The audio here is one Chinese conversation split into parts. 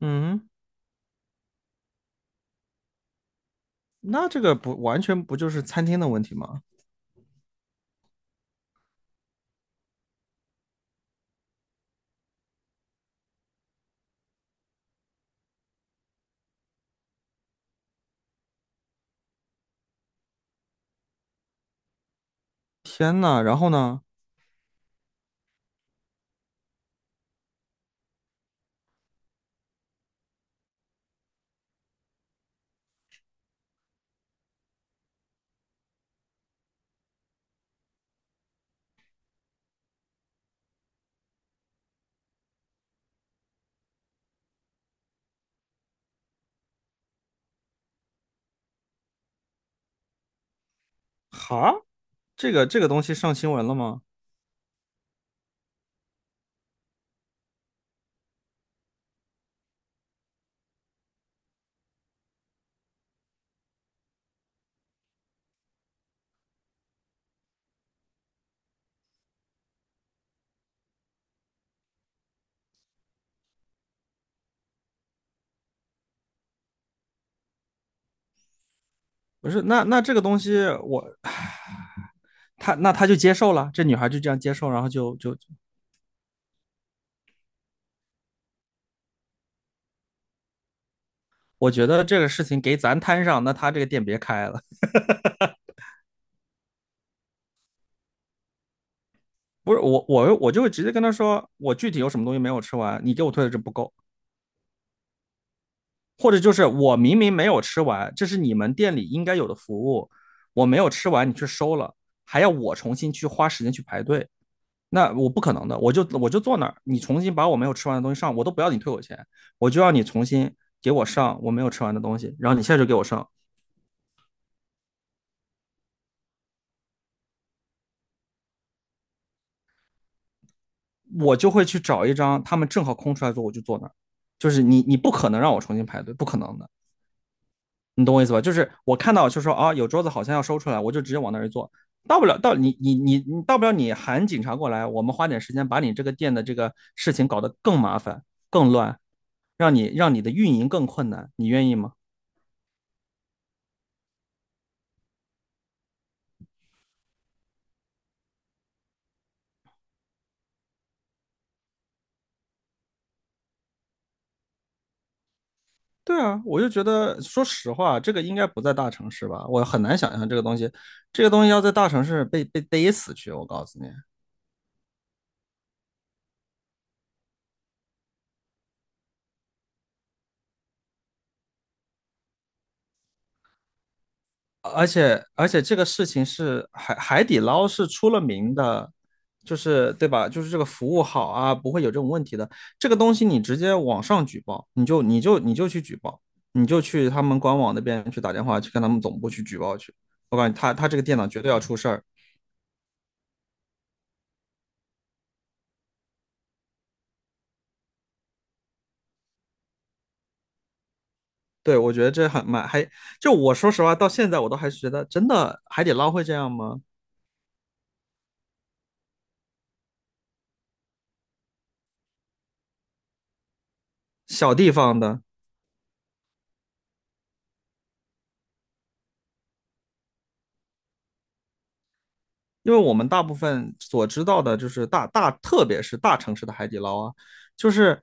嗯，那这个不完全不就是餐厅的问题吗？天呐，然后呢？哈，这个东西上新闻了吗？不是，那这个东西我，他就接受了，这女孩就这样接受，然后就，我觉得这个事情给咱摊上，那他这个店别开了。不是我，我就会直接跟他说，我具体有什么东西没有吃完，你给我退的这不够，或者就是我明明没有吃完，这是你们店里应该有的服务，我没有吃完你去收了，还要我重新去花时间去排队，那我不可能的，我就坐那儿，你重新把我没有吃完的东西上，我都不要你退我钱，我就要你重新给我上我没有吃完的东西，然后你现在就给我上。我就会去找一张他们正好空出来坐，我就坐那儿，就是你不可能让我重新排队，不可能的。你懂我意思吧？就是我看到就说啊，有桌子好像要收出来，我就直接往那儿一坐。到不了，到你到不了，你喊警察过来，我们花点时间把你这个店的这个事情搞得更麻烦、更乱，让你的运营更困难，你愿意吗？对啊，我就觉得，说实话，这个应该不在大城市吧？我很难想象这个东西，这个东西要在大城市被逮死去。我告诉你，而且这个事情是海底捞是出了名的，就是对吧？就是这个服务好啊，不会有这种问题的。这个东西你直接网上举报，你就去举报，你就去他们官网那边去打电话去跟他们总部去举报去。我感觉他这个电脑绝对要出事儿。对，我觉得这很蛮还，就我说实话，到现在我都还是觉得真的海底捞会这样吗？小地方的，因为我们大部分所知道的就是特别是大城市的海底捞啊，就是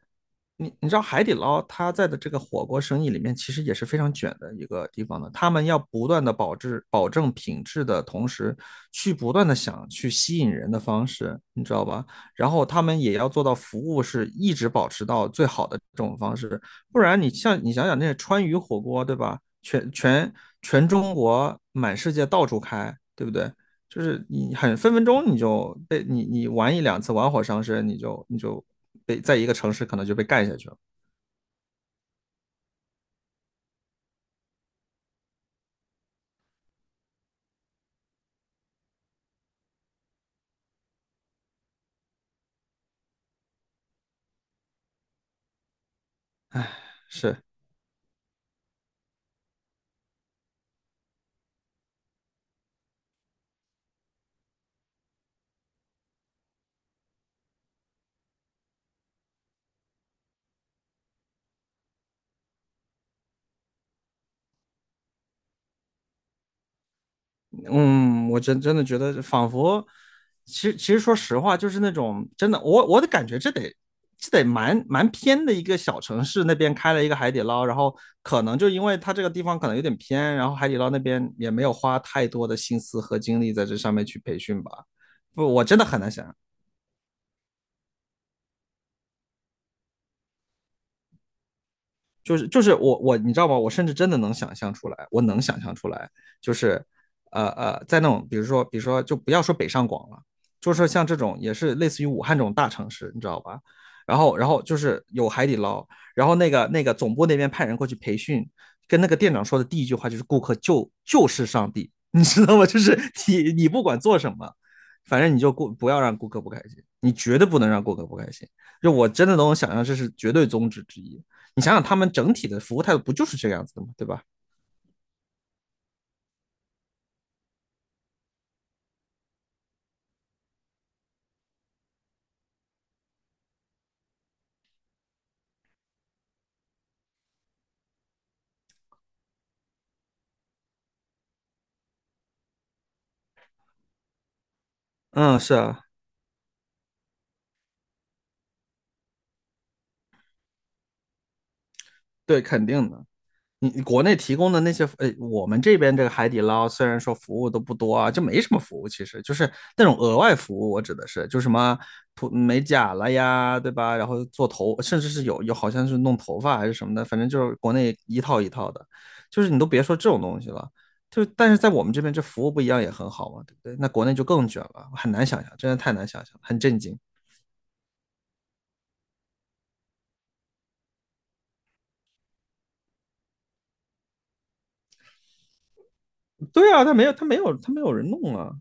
你知道海底捞它在的这个火锅生意里面，其实也是非常卷的一个地方的。他们要不断的保质保证品质的同时，去不断的想去吸引人的方式，你知道吧？然后他们也要做到服务是一直保持到最好的这种方式，不然你想想那些川渝火锅，对吧？全中国满世界到处开，对不对？就是你很分分钟你就被你玩一两次玩火伤身，你就被在一个城市可能就被干下去了。是，嗯，我真的觉得仿佛，其实说实话，就是那种真的，我的感觉这得。这得蛮偏的一个小城市，那边开了一个海底捞，然后可能就因为它这个地方可能有点偏，然后海底捞那边也没有花太多的心思和精力在这上面去培训吧。不，我真的很难想象。就是我你知道吗？我甚至真的能想象出来，我能想象出来，就是在那种比如说就不要说北上广了，就是像这种也是类似于武汉这种大城市，你知道吧？然后就是有海底捞，然后那个总部那边派人过去培训，跟那个店长说的第一句话就是顾客就是上帝，你知道吗？就是你不管做什么。反正你就不要让顾客不开心，你绝对不能让顾客不开心。就我真的能想象，这是绝对宗旨之一。你想想，他们整体的服务态度不就是这个样子的吗？对吧？嗯，是啊，对，肯定的。你国内提供的那些，我们这边这个海底捞虽然说服务都不多啊，就没什么服务，其实就是那种额外服务。我指的是，就什么涂美甲了呀，对吧？然后做头，甚至是有好像是弄头发还是什么的，反正就是国内一套一套的，就是你都别说这种东西了。就但是在我们这边，这服务不一样也很好嘛，对不对？那国内就更卷了，很难想象，真的太难想象，很震惊。对啊，他没有人弄啊。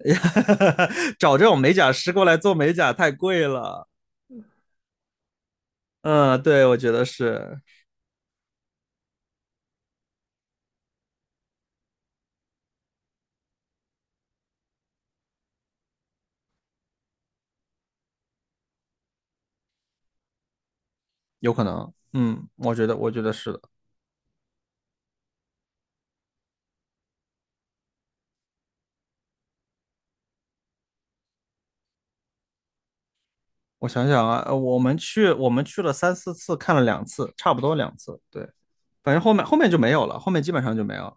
找这种美甲师过来做美甲太贵了。嗯，对，我觉得是有可能。嗯，我觉得是的。我想想啊，我们去了三四次，看了两次，差不多两次。对，反正后面就没有了，后面基本上就没有了。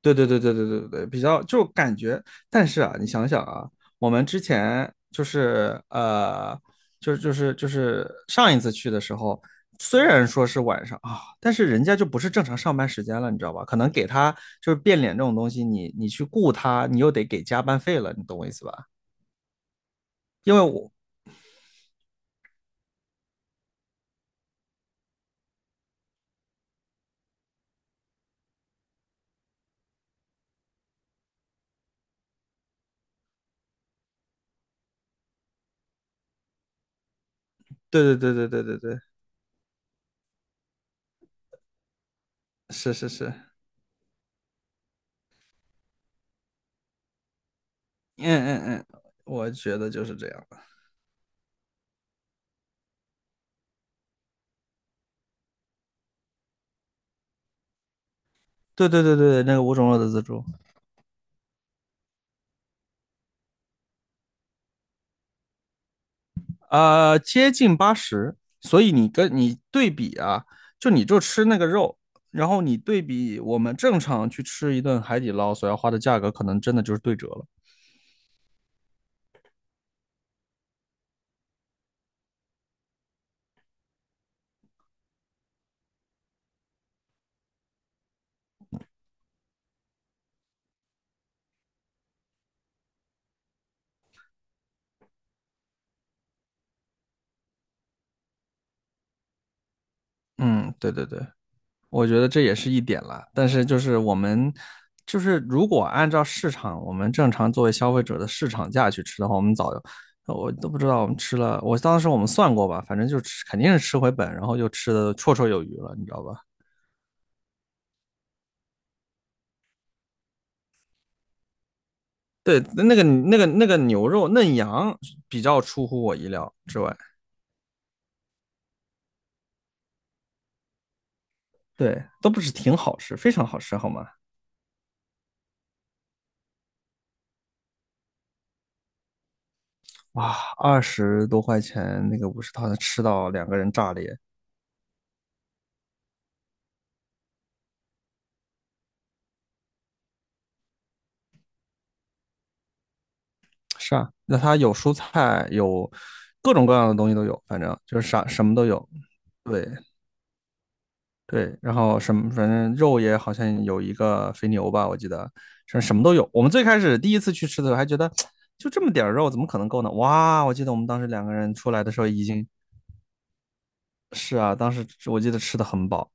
对对对对对对对，比较就感觉，但是啊，你想想啊，我们之前就是就是上一次去的时候，虽然说是晚上啊，但是人家就不是正常上班时间了，你知道吧？可能给他就是变脸这种东西，你去雇他，你又得给加班费了，你懂我意思吧？因为我，对对对对对对对，是是是，嗯嗯嗯，我觉得就是这样的。对对对对对，那个五种肉的自助。接近80，所以你跟你对比啊，就你就吃那个肉，然后你对比我们正常去吃一顿海底捞所要花的价格，可能真的就是对折了。嗯，对对对，我觉得这也是一点啦。但是就是我们就是如果按照市场，我们正常作为消费者的市场价去吃的话，我们早就我都不知道我们吃了，我当时我们算过吧，反正就吃肯定是吃回本，然后就吃的绰绰有余了，你知道吧？对，那个牛肉嫩羊比较出乎我意料之外，对，都不是挺好吃，非常好吃，好吗？哇，20多块钱那个50套能吃到两个人炸裂，是啊，那它有蔬菜，有各种各样的东西都有，反正就是啥什么都有。对对，然后什么反正肉也好像有一个肥牛吧，我记得什么都有。我们最开始第一次去吃的时候还觉得就这么点肉怎么可能够呢？哇，我记得我们当时两个人出来的时候已经是啊，当时我记得吃的很饱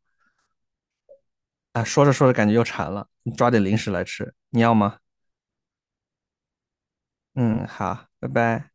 啊，说着说着感觉又馋了，你抓点零食来吃，你要吗？嗯，好，拜拜。